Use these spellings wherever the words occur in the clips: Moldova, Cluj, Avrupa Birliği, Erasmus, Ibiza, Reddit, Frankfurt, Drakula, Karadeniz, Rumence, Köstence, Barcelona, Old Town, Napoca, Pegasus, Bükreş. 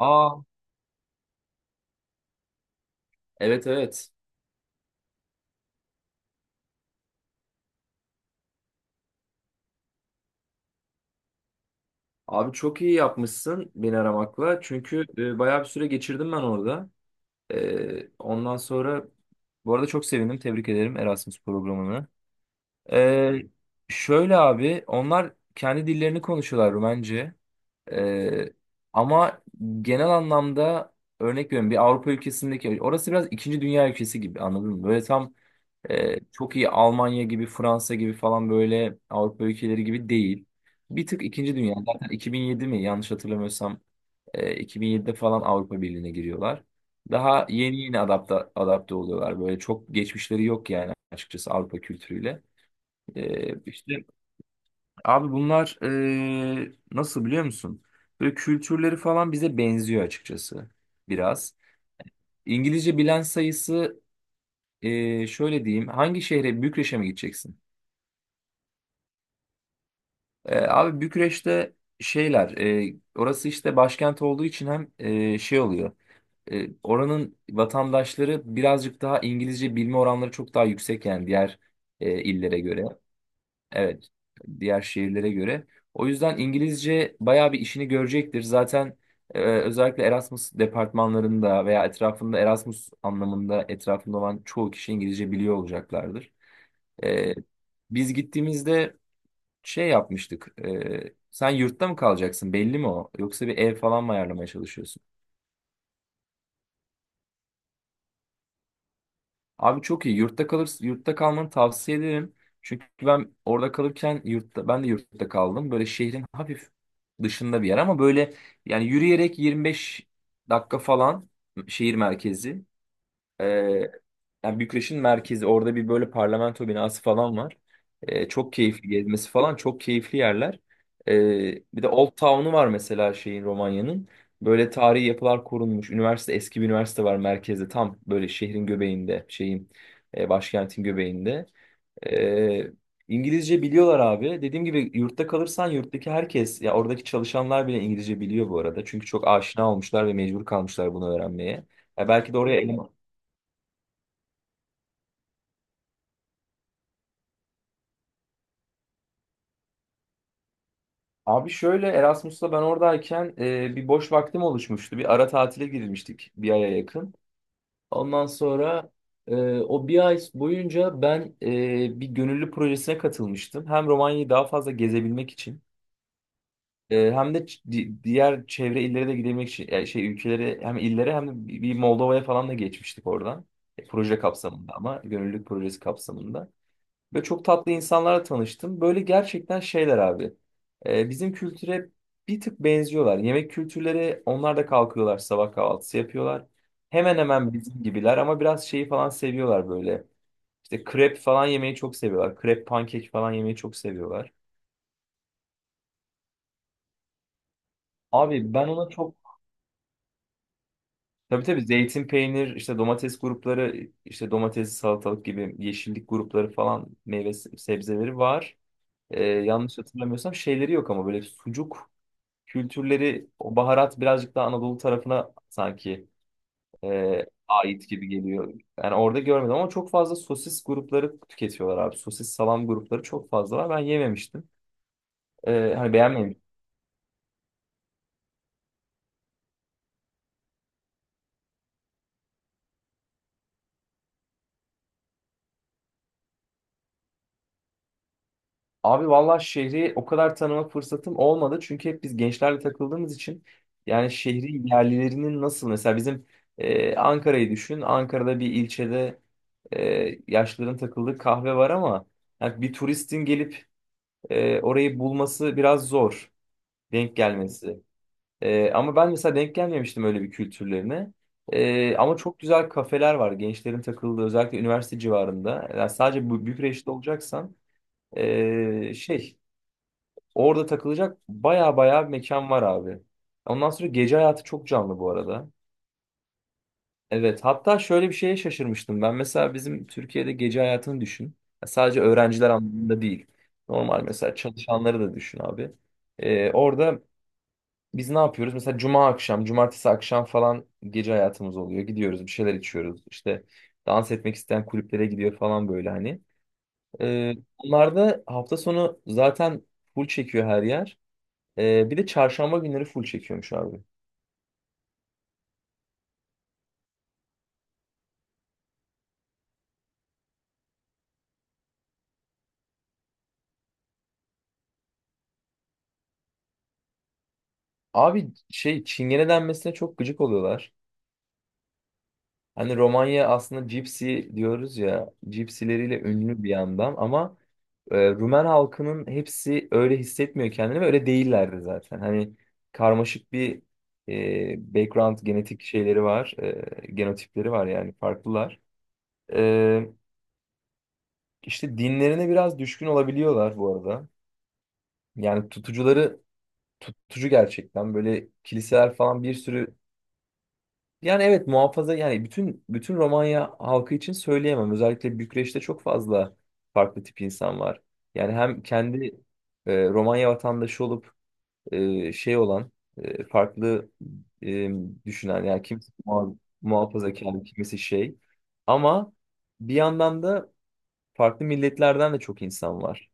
Aa, evet evet. Abi çok iyi yapmışsın beni aramakla. Çünkü bayağı bir süre geçirdim ben orada. Ondan sonra bu arada çok sevindim. Tebrik ederim Erasmus programını. E, şöyle abi onlar kendi dillerini konuşuyorlar Rumence. E, ama genel anlamda örnek veriyorum bir Avrupa ülkesindeki orası biraz ikinci dünya ülkesi gibi anladın mı? Böyle tam çok iyi Almanya gibi, Fransa gibi falan böyle Avrupa ülkeleri gibi değil. Bir tık ikinci dünya. Zaten 2007 mi yanlış hatırlamıyorsam 2007'de falan Avrupa Birliği'ne giriyorlar. Daha yeni yeni adapte oluyorlar. Böyle çok geçmişleri yok yani açıkçası Avrupa kültürüyle. İşte abi bunlar nasıl biliyor musun? Böyle kültürleri falan bize benziyor açıkçası biraz. İngilizce bilen sayısı şöyle diyeyim. Hangi şehre? Bükreş'e mi gideceksin? Abi Bükreş'te şeyler, orası işte başkent olduğu için hem şey oluyor. Oranın vatandaşları birazcık daha İngilizce bilme oranları çok daha yüksek yani diğer illere göre. Evet, diğer şehirlere göre. O yüzden İngilizce bayağı bir işini görecektir. Zaten özellikle Erasmus departmanlarında veya etrafında Erasmus anlamında etrafında olan çoğu kişi İngilizce biliyor olacaklardır. E, biz gittiğimizde şey yapmıştık. Sen yurtta mı kalacaksın? Belli mi o? Yoksa bir ev falan mı ayarlamaya çalışıyorsun? Abi çok iyi. Yurtta kalırsın. Yurtta kalmanı tavsiye ederim. Çünkü ben orada kalırken yurtta ben de yurtta kaldım. Böyle şehrin hafif dışında bir yer ama böyle yani yürüyerek 25 dakika falan şehir merkezi. Ee, yani Bükreş'in merkezi orada bir böyle parlamento binası falan var. Çok keyifli gezmesi falan çok keyifli yerler. Bir de Old Town'u var mesela şeyin Romanya'nın. Böyle tarihi yapılar korunmuş. Üniversite eski bir üniversite var merkezde tam böyle şehrin göbeğinde şeyin başkentin göbeğinde. Ee, İngilizce biliyorlar abi. Dediğim gibi yurtta kalırsan yurttaki herkes ya oradaki çalışanlar bile İngilizce biliyor bu arada. Çünkü çok aşina olmuşlar ve mecbur kalmışlar bunu öğrenmeye. Ya belki de oraya eleman Abi şöyle Erasmus'ta ben oradayken bir boş vaktim oluşmuştu. Bir ara tatile girmiştik bir aya yakın. Ondan sonra o bir ay boyunca ben bir gönüllü projesine katılmıştım. Hem Romanya'yı daha fazla gezebilmek için hem de diğer çevre illere de gidebilmek için yani şey ülkelere hem illere hem de bir Moldova'ya falan da geçmiştik oradan. Proje kapsamında ama gönüllülük projesi kapsamında. Ve çok tatlı insanlarla tanıştım. Böyle gerçekten şeyler abi. Bizim kültüre bir tık benziyorlar. Yemek kültürleri onlar da kalkıyorlar sabah kahvaltısı yapıyorlar. Hemen hemen bizim gibiler ama biraz şeyi falan seviyorlar böyle. İşte krep falan yemeyi çok seviyorlar. Krep pankek falan yemeyi çok seviyorlar. Abi ben ona çok tabii tabii zeytin peynir işte domates grupları işte domatesli salatalık gibi yeşillik grupları falan meyve sebzeleri var. Yanlış hatırlamıyorsam şeyleri yok ama böyle sucuk kültürleri o baharat birazcık daha Anadolu tarafına sanki ait gibi geliyor. Yani orada görmedim ama çok fazla sosis grupları tüketiyorlar abi. Sosis salam grupları çok fazla var. Ben yememiştim. Hani beğenmemiştim. Abi vallahi şehri o kadar tanıma fırsatım olmadı. Çünkü hep biz gençlerle takıldığımız için yani şehri yerlilerinin nasıl mesela bizim Ankara'yı düşün. Ankara'da bir ilçede yaşlıların takıldığı kahve var ama yani bir turistin gelip orayı bulması biraz zor. Denk gelmesi. Ama ben mesela denk gelmemiştim öyle bir kültürlerine. Ama çok güzel kafeler var. Gençlerin takıldığı özellikle üniversite civarında. Yani sadece bu Bükreş'te olacaksan şey orada takılacak baya baya mekan var abi. Ondan sonra gece hayatı çok canlı bu arada. Evet, hatta şöyle bir şeye şaşırmıştım. Ben mesela bizim Türkiye'de gece hayatını düşün. Ya sadece öğrenciler anlamında değil. Normal mesela çalışanları da düşün abi. Orada biz ne yapıyoruz? Mesela cuma akşam, cumartesi akşam falan gece hayatımız oluyor. Gidiyoruz, bir şeyler içiyoruz. İşte dans etmek isteyen kulüplere gidiyor falan böyle hani. Ee, onlar da hafta sonu zaten full çekiyor her yer. Bir de çarşamba günleri full çekiyormuş abi. Abi şey Çingene denmesine çok gıcık oluyorlar. Hani Romanya aslında cipsi diyoruz ya, cipsileriyle ünlü bir yandan ama. Rumen halkının hepsi öyle hissetmiyor kendini ve öyle değillerdi zaten. Hani karmaşık bir background genetik şeyleri var, genotipleri var yani farklılar. Ee, işte dinlerine biraz düşkün olabiliyorlar bu arada. Yani tutucu gerçekten böyle kiliseler falan bir sürü yani evet muhafaza yani bütün Romanya halkı için söyleyemem. Özellikle Bükreş'te çok fazla farklı tip insan var. Yani hem kendi Romanya vatandaşı olup şey olan farklı e, düşünen yani kimisi muhafazakar kimisi şey ama bir yandan da farklı milletlerden de çok insan var.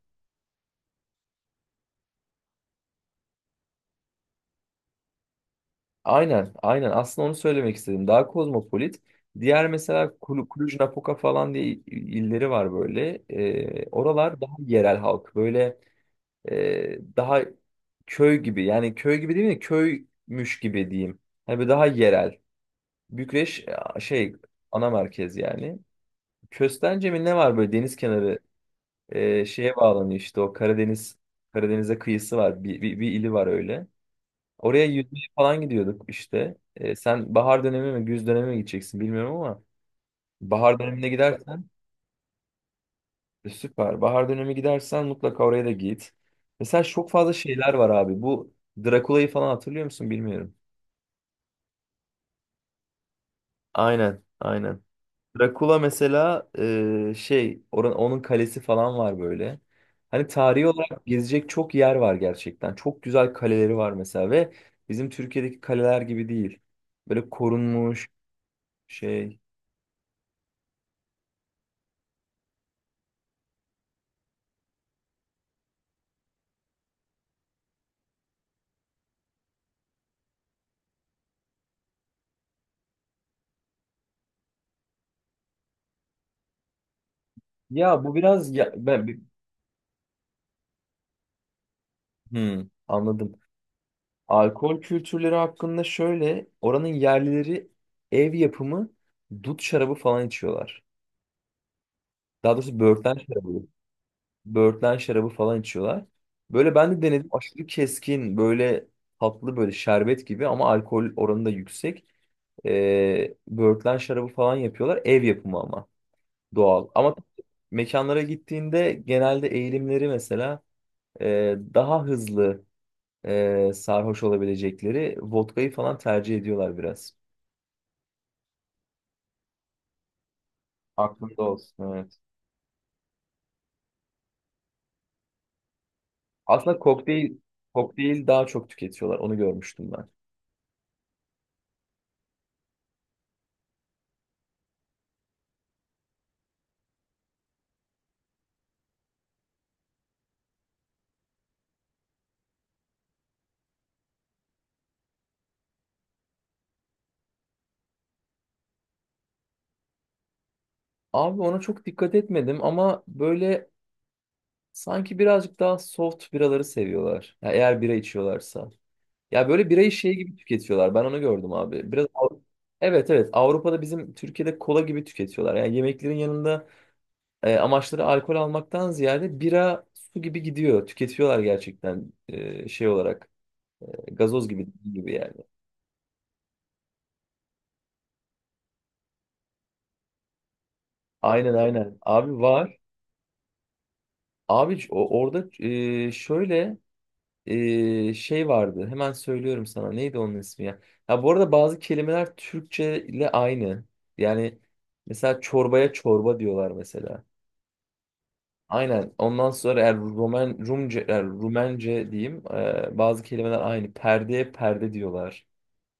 Aynen aynen, aslında onu söylemek istedim daha kozmopolit. Diğer mesela Cluj, Napoca falan diye illeri var böyle. Oralar daha yerel halk böyle daha köy gibi yani köy gibi değil mi köymüş gibi diyeyim. Hani böyle daha yerel. Bükreş şey ana merkez yani. Köstence mi ne var böyle deniz kenarı şeye bağlanıyor işte o Karadeniz'e kıyısı var. Bir ili var öyle. Oraya yüzmeye falan gidiyorduk işte. Sen bahar dönemi mi güz dönemi mi gideceksin bilmiyorum ama bahar dönemine gidersen süper. Bahar dönemi gidersen mutlaka oraya da git. Mesela çok fazla şeyler var abi. Bu Drakula'yı falan hatırlıyor musun bilmiyorum. Aynen, aynen. Drakula mesela onun kalesi falan var böyle. Hani tarihi olarak gezecek çok yer var gerçekten. Çok güzel kaleleri var mesela ve bizim Türkiye'deki kaleler gibi değil. Böyle korunmuş şey. Ya bu biraz ya, ben bir- Hmm, anladım. Alkol kültürleri hakkında şöyle oranın yerlileri ev yapımı dut şarabı falan içiyorlar. Daha doğrusu böğürtlen şarabı. Böğürtlen şarabı falan içiyorlar. Böyle ben de denedim. Aşırı keskin, böyle tatlı, böyle şerbet gibi ama alkol oranı da yüksek. Böğürtlen şarabı falan yapıyorlar. Ev yapımı ama doğal. Ama mekanlara gittiğinde genelde eğilimleri mesela daha hızlı sarhoş olabilecekleri vodkayı falan tercih ediyorlar biraz. Aklında olsun evet. Aslında kokteyl daha çok tüketiyorlar. Onu görmüştüm ben. Abi ona çok dikkat etmedim ama böyle sanki birazcık daha soft biraları seviyorlar. Ya eğer bira içiyorlarsa. Ya böyle birayı şey gibi tüketiyorlar. Ben onu gördüm abi. Evet evet, Avrupa'da bizim Türkiye'de kola gibi tüketiyorlar. Yani yemeklerin yanında amaçları alkol almaktan ziyade bira su gibi gidiyor. Tüketiyorlar gerçekten şey olarak gazoz gibi gibi yani. Aynen aynen. Abi var. Abi orada şöyle şey vardı. Hemen söylüyorum sana. Neydi onun ismi ya? Ya bu arada bazı kelimeler Türkçe ile aynı. Yani mesela çorbaya çorba diyorlar mesela. Aynen. Ondan sonra eğer Rumence diyeyim. Bazı kelimeler aynı. Perdeye perde diyorlar.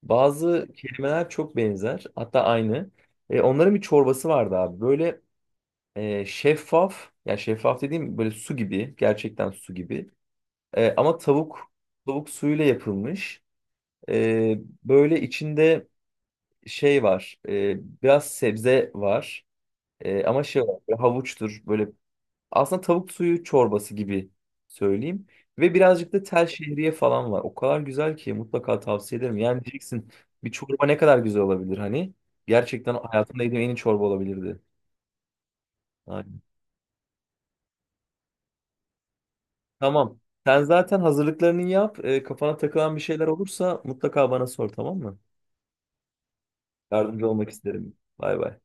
Bazı kelimeler çok benzer. Hatta aynı. Onların bir çorbası vardı abi. Böyle şeffaf. Ya şeffaf dediğim böyle su gibi. Gerçekten su gibi. E, ama tavuk Tavuk suyuyla yapılmış. Ee, böyle içinde şey var. Biraz sebze var. E, ama şey var. Böyle havuçtur. Böyle aslında tavuk suyu çorbası gibi söyleyeyim. Ve birazcık da tel şehriye falan var. O kadar güzel ki mutlaka tavsiye ederim. Yani diyeceksin bir çorba ne kadar güzel olabilir hani. Gerçekten hayatımda yediğim en iyi çorba olabilirdi. Aynen. Tamam. Sen zaten hazırlıklarını yap. Kafana takılan bir şeyler olursa mutlaka bana sor tamam mı? Yardımcı olmak isterim. Bay bay.